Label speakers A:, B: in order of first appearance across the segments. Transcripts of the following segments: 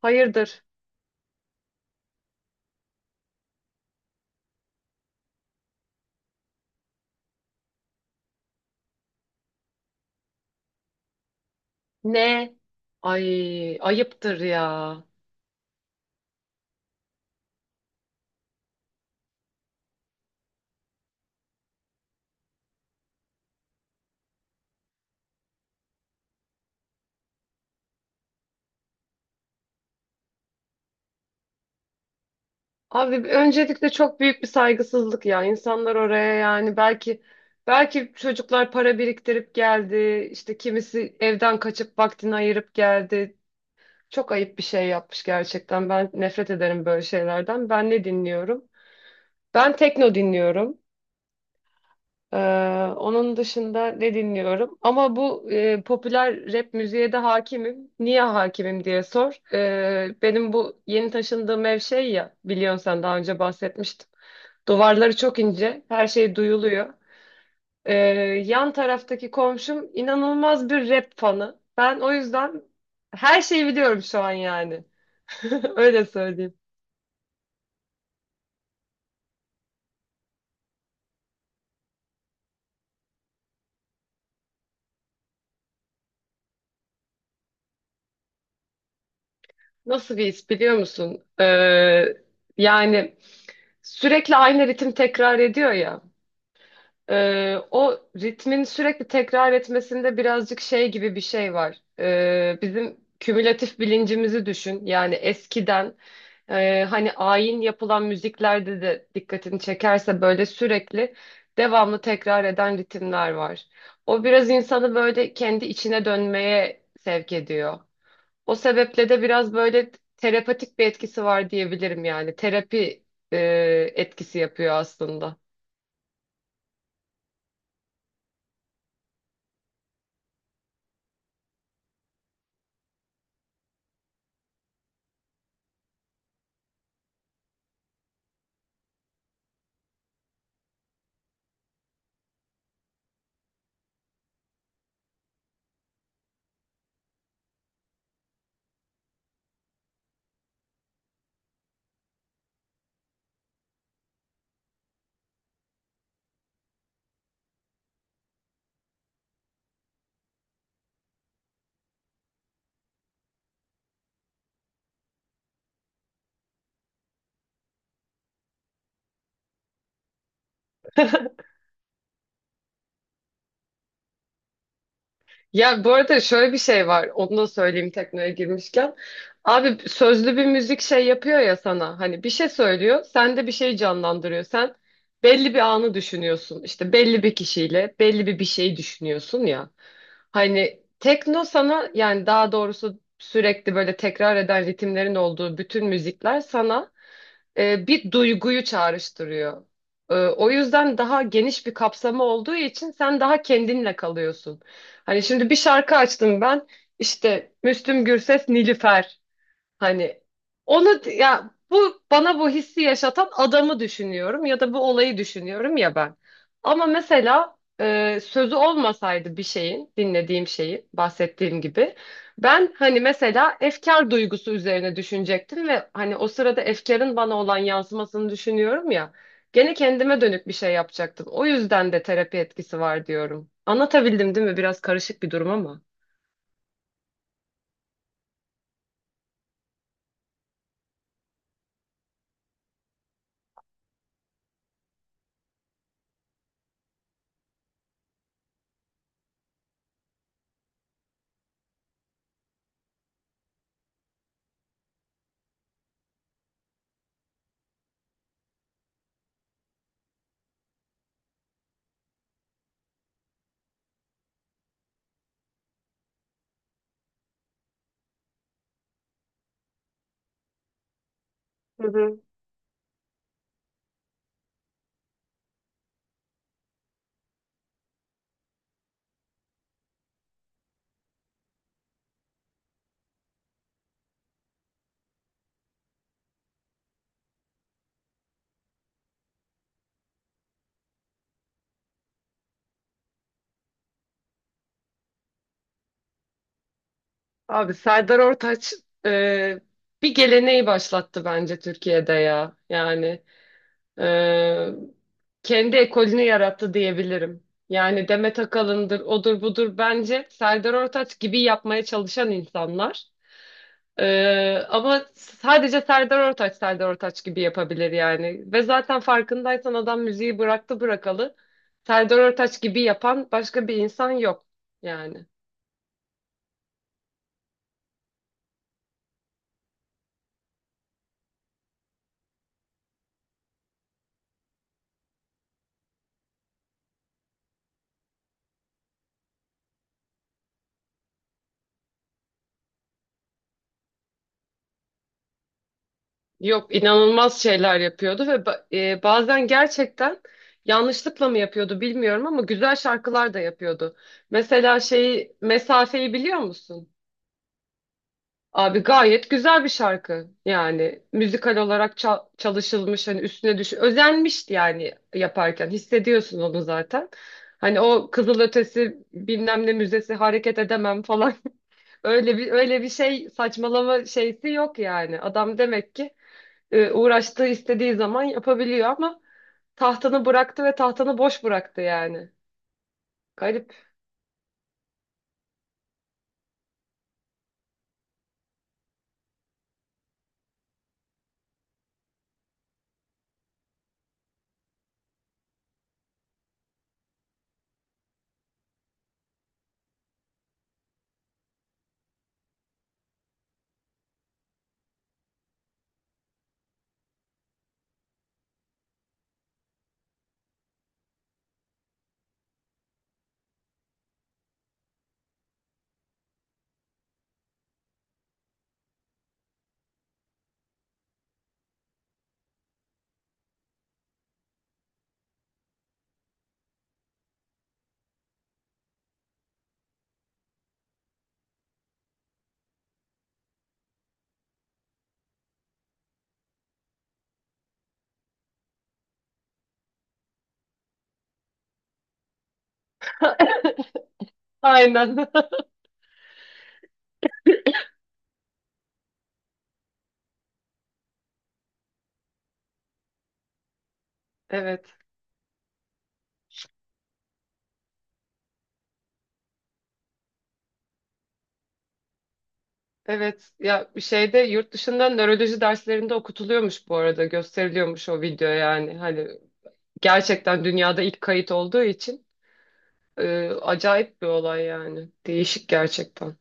A: Hayırdır? Ne? Ay ayıptır ya. Abi öncelikle çok büyük bir saygısızlık ya. İnsanlar oraya yani belki çocuklar para biriktirip geldi. İşte kimisi evden kaçıp vaktini ayırıp geldi. Çok ayıp bir şey yapmış gerçekten. Ben nefret ederim böyle şeylerden. Ben ne dinliyorum? Ben tekno dinliyorum. Ee, Onun dışında ne dinliyorum? Ama bu popüler rap müziğe de hakimim. Niye hakimim diye sor. Benim bu yeni taşındığım ev şey ya, biliyorsun sen daha önce bahsetmiştim. Duvarları çok ince, her şey duyuluyor. Ee, Yan taraftaki komşum inanılmaz bir rap fanı. Ben o yüzden her şeyi biliyorum şu an yani. Öyle söyleyeyim. Nasıl bir his biliyor musun? Yani sürekli aynı ritim tekrar ediyor ya. O ritmin sürekli tekrar etmesinde birazcık şey gibi bir şey var. Bizim kümülatif bilincimizi düşün. Yani eskiden hani ayin yapılan müziklerde de dikkatini çekerse böyle sürekli devamlı tekrar eden ritimler var. O biraz insanı böyle kendi içine dönmeye sevk ediyor. O sebeple de biraz böyle terapatik bir etkisi var diyebilirim yani. Terapi e, etkisi yapıyor aslında. Ya bu arada şöyle bir şey var. Onu da söyleyeyim teknoya girmişken. Abi sözlü bir müzik şey yapıyor ya sana. Hani bir şey söylüyor. Sen de bir şey canlandırıyor. Sen belli bir anı düşünüyorsun. İşte belli bir kişiyle belli bir şeyi düşünüyorsun ya. Hani tekno sana yani daha doğrusu sürekli böyle tekrar eden ritimlerin olduğu bütün müzikler sana bir duyguyu çağrıştırıyor. E, o yüzden daha geniş bir kapsamı olduğu için sen daha kendinle kalıyorsun. Hani şimdi bir şarkı açtım ben. İşte Müslüm Gürses, Nilüfer. Hani onu ya bu bana bu hissi yaşatan adamı düşünüyorum ya da bu olayı düşünüyorum ya ben. Ama mesela sözü olmasaydı bir şeyin, dinlediğim şeyin, bahsettiğim gibi ben hani mesela efkar duygusu üzerine düşünecektim ve hani o sırada efkarın bana olan yansımasını düşünüyorum ya. Gene kendime dönük bir şey yapacaktım. O yüzden de terapi etkisi var diyorum. Anlatabildim değil mi? Biraz karışık bir durum ama. Hı hı. Abi Serdar Ortaç e, bir geleneği başlattı bence Türkiye'de ya. Yani e, kendi ekolünü yarattı diyebilirim. Yani Demet Akalın'dır, odur budur. Bence Serdar Ortaç gibi yapmaya çalışan insanlar. E, Ama sadece Serdar Ortaç Serdar Ortaç gibi yapabilir yani. Ve zaten farkındaysan adam müziği bıraktı bırakalı. Serdar Ortaç gibi yapan başka bir insan yok yani. Yok, inanılmaz şeyler yapıyordu ve bazen gerçekten yanlışlıkla mı yapıyordu bilmiyorum ama güzel şarkılar da yapıyordu. Mesela şeyi, Mesafe'yi biliyor musun? Abi gayet güzel bir şarkı, yani müzikal olarak çalışılmış, hani üstüne düş özenmişti yani, yaparken hissediyorsun onu zaten. Hani o Kızılötesi bilmem ne müzesi hareket edemem falan öyle bir şey, saçmalama şeysi yok yani. Adam demek ki uğraştığı istediği zaman yapabiliyor ama tahtanı bıraktı ve tahtanı boş bıraktı yani. Garip. Aynen. Evet. Evet. Ya bir şeyde yurt dışında nöroloji derslerinde okutuluyormuş bu arada. Gösteriliyormuş o video yani. Hani gerçekten dünyada ilk kayıt olduğu için acayip bir olay yani. Değişik gerçekten.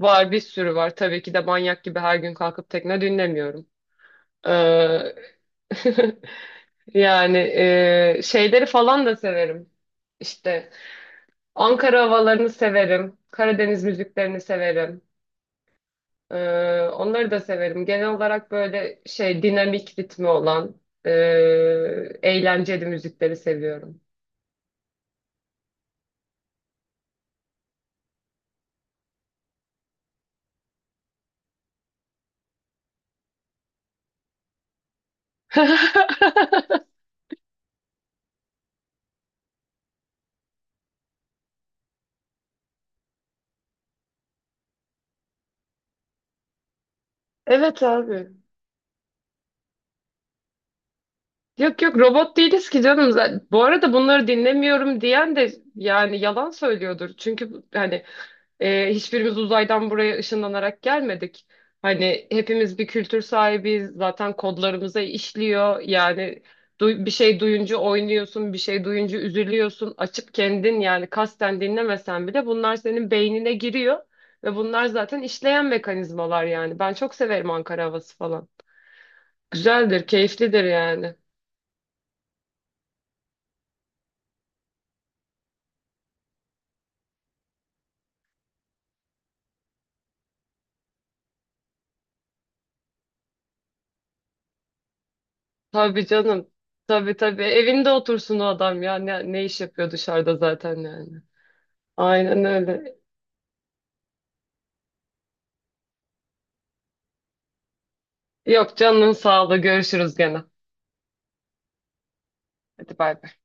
A: Var, bir sürü var. Tabii ki de manyak gibi her gün kalkıp tekne dinlemiyorum. Ee, Yani şeyleri falan da severim. İşte Ankara havalarını severim. Karadeniz müziklerini severim. E, Onları da severim. Genel olarak böyle şey dinamik ritmi olan e, eğlenceli müzikleri seviyorum. Evet abi. Yok yok, robot değiliz ki canım. Bu arada bunları dinlemiyorum diyen de yani yalan söylüyordur. Çünkü hani hiçbirimiz uzaydan buraya ışınlanarak gelmedik. Hani hepimiz bir kültür sahibiyiz. Zaten kodlarımıza işliyor. Yani bir şey duyunca oynuyorsun, bir şey duyunca üzülüyorsun. Açıp kendin yani kasten dinlemesen bile bunlar senin beynine giriyor. Ve bunlar zaten işleyen mekanizmalar yani. Ben çok severim Ankara havası falan. Güzeldir, keyiflidir yani. Tabii canım. Tabii tabii. Evinde otursun o adam ya. Ne, ne iş yapıyor dışarıda zaten yani. Aynen öyle. Yok, canının sağlığı. Görüşürüz gene. Hadi bay bay.